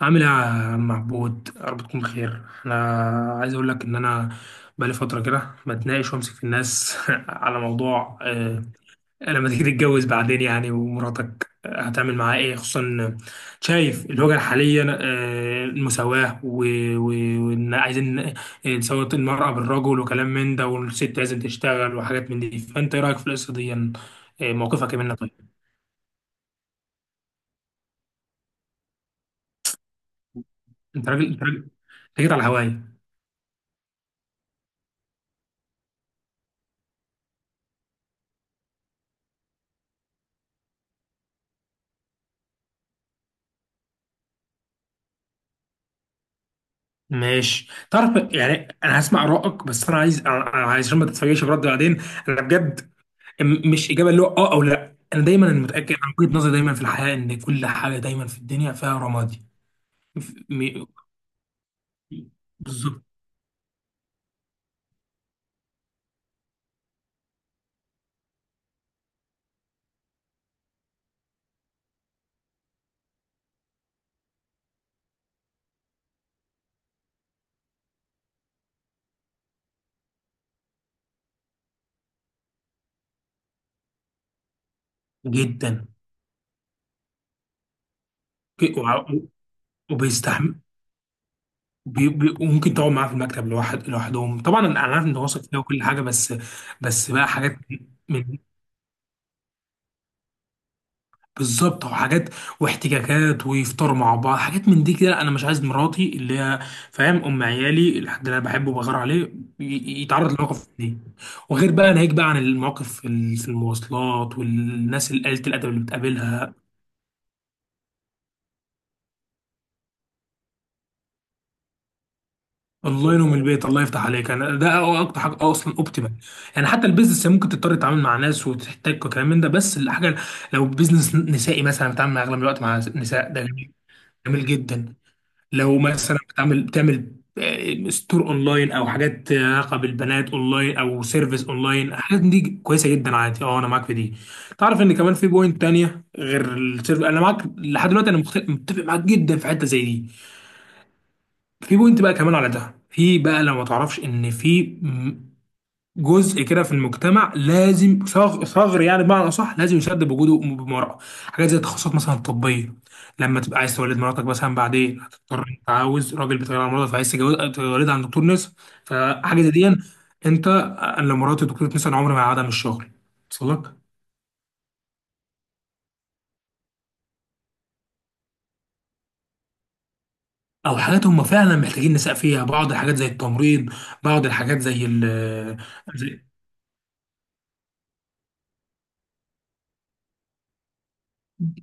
عامل ايه يا عم عبود، يا رب تكون بخير. انا عايز اقول لك ان انا بقالي فتره كده بتناقش وامسك في الناس على موضوع لما تيجي تتجوز بعدين يعني، ومراتك هتعمل معاها ايه، خصوصا إن شايف الوجهه الحاليه، المساواه و- و- وان عايزين نساوي المراه بالرجل وكلام من ده، والست لازم تشتغل وحاجات من دي. فانت ايه رايك في القصه دي؟ موقفك ايه منها؟ طيب، انت راجل، انت راجل، انت جيت على هواي. ماشي، تعرف يعني انا هسمع رأيك، بس انا عايز، أنا عايز عشان ما تتفاجئش برد بعدين. انا بجد مش اجابه اللي هو اه او لا. انا دايما متاكد عن وجهه نظري دايما في الحياه، ان كل حاجه دايما في الدنيا فيها رمادي. ف- م- بالظبط جدا. ك- وع- وبيستحمل. وممكن تقعد معاه في المكتب لوحد لوحدهم. طبعا انا عارف ان واثق فيها وكل حاجه، بس بس بقى حاجات. بالظبط، او حاجات واحتكاكات ويفطروا مع بعض، حاجات من دي كده. انا مش عايز مراتي اللي هي، فاهم، ام عيالي، الحد اللي انا بحبه وبغار عليه، يتعرض لمواقف دي. وغير بقى، ناهيك بقى عن المواقف في في المواصلات والناس اللي قلة الادب اللي بتقابلها. الله ينوم البيت، الله يفتح عليك. انا ده اكتر حاجه اصلا اوبتيمال. يعني حتى البيزنس ممكن تضطر تتعامل مع ناس وتحتاج وكلام من ده، بس الحاجه لو بيزنس نسائي مثلا، بتعامل مع اغلب الوقت مع نساء، ده جميل. جميل جدا. لو مثلا بتعمل ستور اونلاين، او حاجات علاقه بالبنات اونلاين، او سيرفيس اونلاين، الحاجات دي كويسه جدا، عادي. اه انا معاك في دي. تعرف ان كمان في بوينت تانية غير السيرفيس. انا معاك لحد دلوقتي، انا متفق معاك جدا في حته زي دي. في بوينت بقى كمان على ده. في بقى، لو ما تعرفش، ان في جزء كده في المجتمع لازم ثغر يعني، بمعنى اصح لازم يسد بوجوده بمرأة. حاجات زي التخصصات مثلا الطبيه، لما تبقى عايز تولد مراتك مثلا بعدين، هتضطر، انت عاوز راجل بيتغير على مراتك فعايز تولدها عند دكتور نساء. فحاجه زي دي، انت، أنا لو مرات دكتور نساء عمري ما هقعدها من الشغل. وصل لك؟ او حاجات هم فعلا محتاجين نساء فيها، بعض الحاجات زي التمريض، بعض الحاجات زي ال...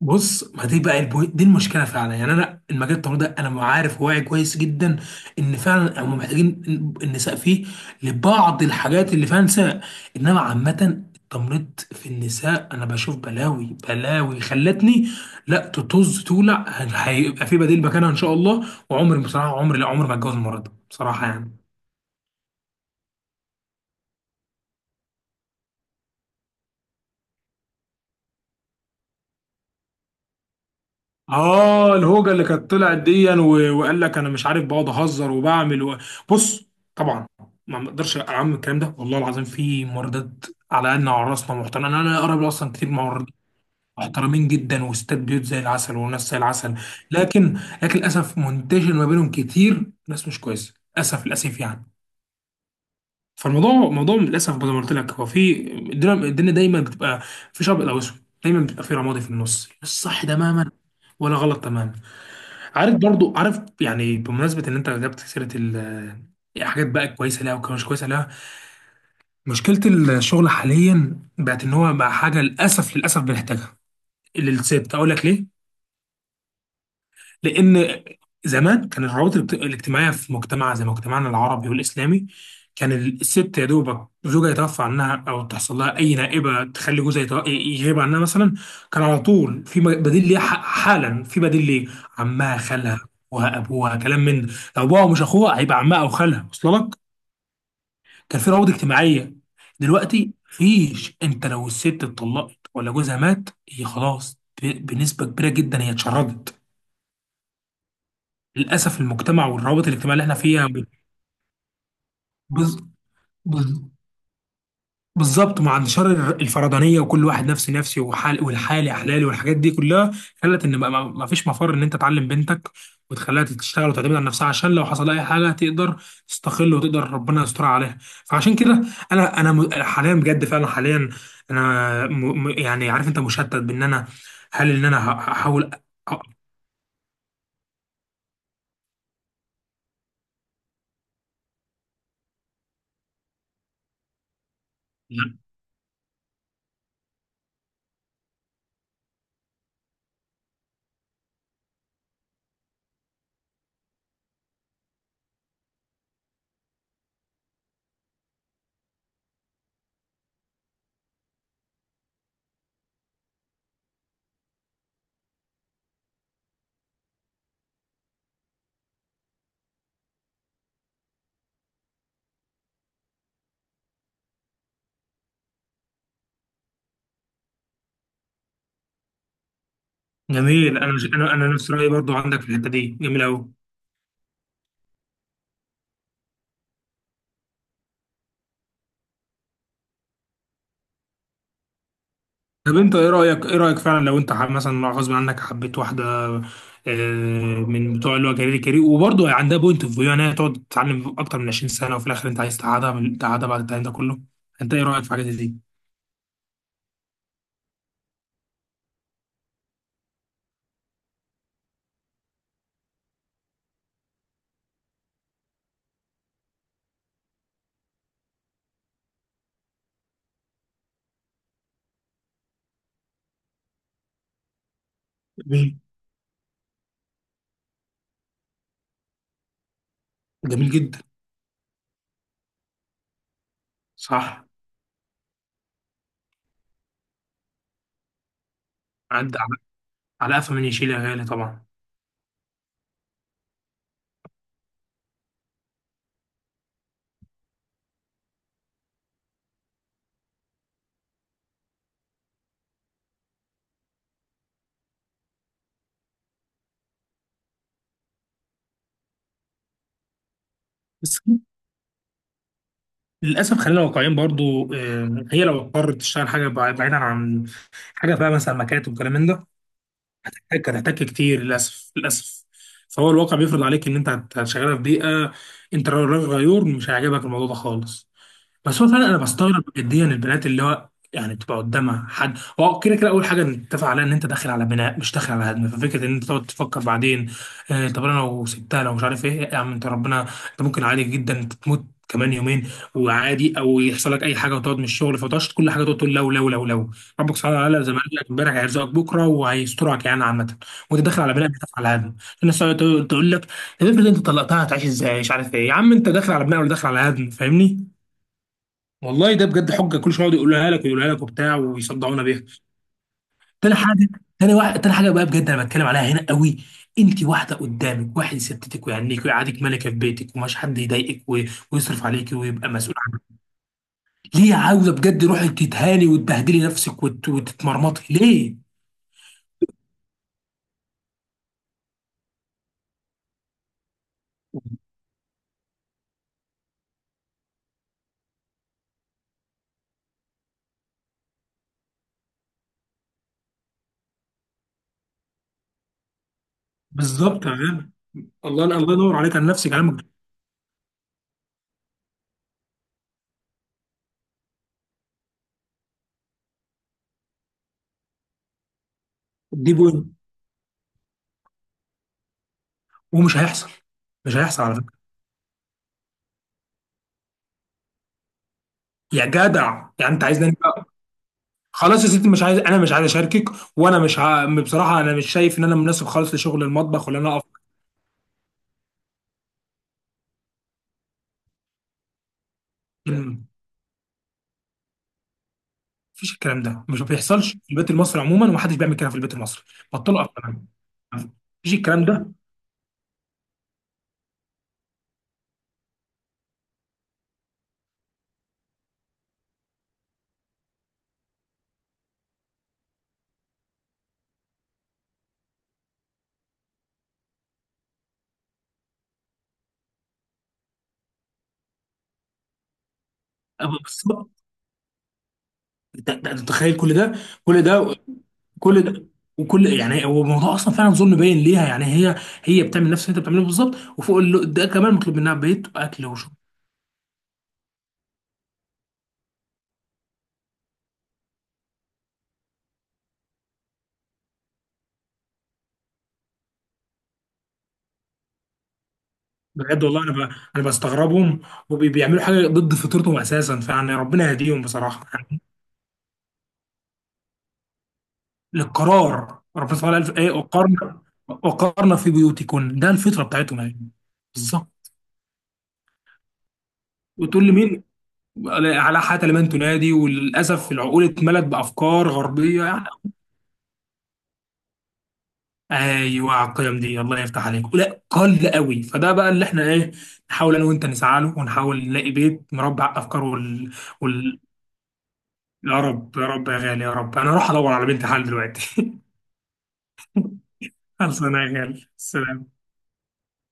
بص، ما دي بقى البو... دي المشكله فعلا يعني. انا المجال التمريضي ده انا عارف واعي كويس جدا ان فعلا هم محتاجين النساء فيه لبعض الحاجات اللي فعلا نساء. انما عامه التمريض في النساء انا بشوف بلاوي بلاوي خلتني لا تطز تولع. هيبقى في بديل مكانها ان شاء الله، وعمري بصراحه، عمري لا، عمري ما اتجوز المرض بصراحه يعني. اه الهوجه اللي كانت طلعت دي، وقال لك انا مش عارف بقعد اهزر وبعمل و... بص، طبعا ما اقدرش اعمم الكلام ده، والله العظيم في مواردات على قدنا وعلى راسنا محترمين. انا اقرب اصلا كتير مواردات محترمين جدا، واستاد بيوت زي العسل وناس زي العسل. لكن، لكن للاسف منتشر ما بينهم كتير ناس مش كويسه، للاسف للاسف يعني. فالموضوع موضوع للاسف زي ما قلت لك، هو في الدنيا، الدنيا دايما بتبقى في شبق او اسود، دايما بتبقى في رمادي في النص، مش صح تماما ولا غلط تماما. عارف برضو، عارف يعني، بمناسبة ان انت جبت سيرة ال... يعني حاجات بقى كويسة لها ومش كويسة لها. مشكلة الشغل حاليا بقت ان هو بقى حاجة للأسف للأسف بنحتاجها للست. اقول لك ليه؟ لان زمان كان الروابط الاجتماعيه في مجتمع زي مجتمعنا العربي والاسلامي، كان الست يا دوبك زوجها يتوفى عنها، او تحصل لها اي نائبه تخلي جوزها يغيب عنها مثلا، كان على طول في بديل ليها، حالا في بديل ليه، عمها، خالها، ابوها، كلام من ده. لو ابوها، مش اخوها، هيبقى عمها او خالها. وصل لك؟ كان في روابط اجتماعيه. دلوقتي مفيش. انت لو الست اتطلقت ولا جوزها مات، هي خلاص بنسبه كبيره جدا هي اتشردت. للاسف المجتمع والروابط الاجتماعيه اللي احنا فيها بز- بز- بالظبط. مع انتشار الفردانيه، وكل واحد نفسي نفسي، وحال والحالي احلالي، والحاجات دي كلها، خلت ان بقى ما فيش مفر ان انت تعلم بنتك وتخليها تشتغل وتعتمد على نفسها، عشان لو حصل اي حاجه تقدر تستقل، وتقدر ربنا يستر عليها. فعشان كده، انا حاليا بجد فعلا، حاليا انا يعني، عارف انت مشتت، بان انا، هل ان انا هحاول أ- أ- جميل. انا نفس رايي برضو عندك في الحته دي، جميل قوي. طب انت ايه رايك، ايه رايك فعلا، لو انت مثلا غصب عنك حبيت واحده آه، من بتوع اللي هو كارير كارير، وبرضه عندها بوينت اوف فيو ان هي تقعد تتعلم اكتر من 20 سنه، وفي الاخر انت عايز تقعدها، تقعدها بعد التعليم ده كله؟ انت ايه رايك في حاجه زي دي؟ جميل. جميل جدا. صح. عد على، على قفا من يشيل يا غالي، طبعا. بس للاسف خلينا واقعيين برضه، هي لو اضطرت تشتغل حاجه بعيدا عن حاجه بقى مثلا مكاتب وكلام من ده، هتحتاج كتير للاسف للاسف. فهو الواقع بيفرض عليك ان انت هتشغلها في بيئه انت راجل غيور مش هيعجبك الموضوع ده خالص. بس هو فعلا انا بستغرب جديا البنات اللي هو يعني بتبقى قدامها حد هو كده كده. اول حاجه نتفق عليها ان انت داخل على بناء مش داخل على هدم. ففكره ان انت تقعد تفكر بعدين، آه طب انا لو سبتها، لو مش عارف ايه، يا عم انت ربنا، انت ممكن عادي جدا تموت كمان يومين، وعادي، او يحصل لك اي حاجه وتقعد من الشغل. فتقعدش كل حاجه تقعد تقول لو لو لو لو. ربك سبحانه وتعالى زي ما قال لك امبارح، هيرزقك بكره وهيسترك يعني عامه. وانت داخل على بناء مش داخل على هدم. الناس تقعد تقول لك، طب افرض انت طلقتها هتعيش ازاي، مش عارف ايه. يا عم انت داخل على بناء ولا داخل على هدم، فاهمني؟ والله ده بجد حجه كل شويه يقعد يقولها لك ويقولها لك وبتاع ويصدعونا بيها. تاني حاجه، تاني واحد، تاني حاجه بقى بجد انا بتكلم عليها هنا قوي. انت واحده قدامك، واحد يستتك ويعنيك ويقعدك ملكه في بيتك، ومش حد يضايقك، و- ويصرف عليك ويبقى مسؤول عنك. ليه عاوزه بجد روحي تتهاني، وتبهدلي نفسك، وتتمرمطي؟ ليه؟ بالظبط يا غالي. الله، الله ينور عليك، على نفسك، كلامك. دي بوينت. ومش هيحصل، مش هيحصل على فكره. يا جدع يعني انت عايزني، خلاص يا ستي، مش عايز، انا مش عايز اشاركك. وانا مش ع... بصراحه انا مش شايف ان انا مناسب خالص لشغل المطبخ ولا انا اقف. مم. مفيش الكلام ده، مش بيحصلش في البيت المصري عموما، ومحدش بيعمل كده في البيت المصري. بطلوا. اقف كمان، مفيش الكلام ده. أبقى بالظبط. ده تخيل كل ده، كل ده، كل ده، وكل، يعني، هو الموضوع اصلا فعلا ظلم باين ليها يعني. هي هي بتعمل نفس اللي انت بتعمله بالظبط، وفوق ده كمان مطلوب منها بيت واكل وشرب. بجد والله انا ب... انا بستغربهم، وبيعملوا حاجه ضد فطرتهم اساسا. فيعني ربنا يهديهم بصراحه. للقرار، ربنا سبحانه وتعالى قال ايه؟ وقرن، وقرن في بيوتكن. ده الفطره بتاعتهم يعني. بالظبط. وتقول لي مين، على حتى لمن تنادي. وللاسف العقول اتملت بافكار غربيه يعني. ايوه، على القيم دي، الله يفتح عليك، لا قل قوي. فده بقى اللي احنا ايه، نحاول انا وانت نسعى له، ونحاول نلاقي بيت مربع افكار. وال... وال... يا رب، يا رب يا غالي، يا رب. انا اروح ادور على بنت حل دلوقتي. خلص انا يا غالي، سلام.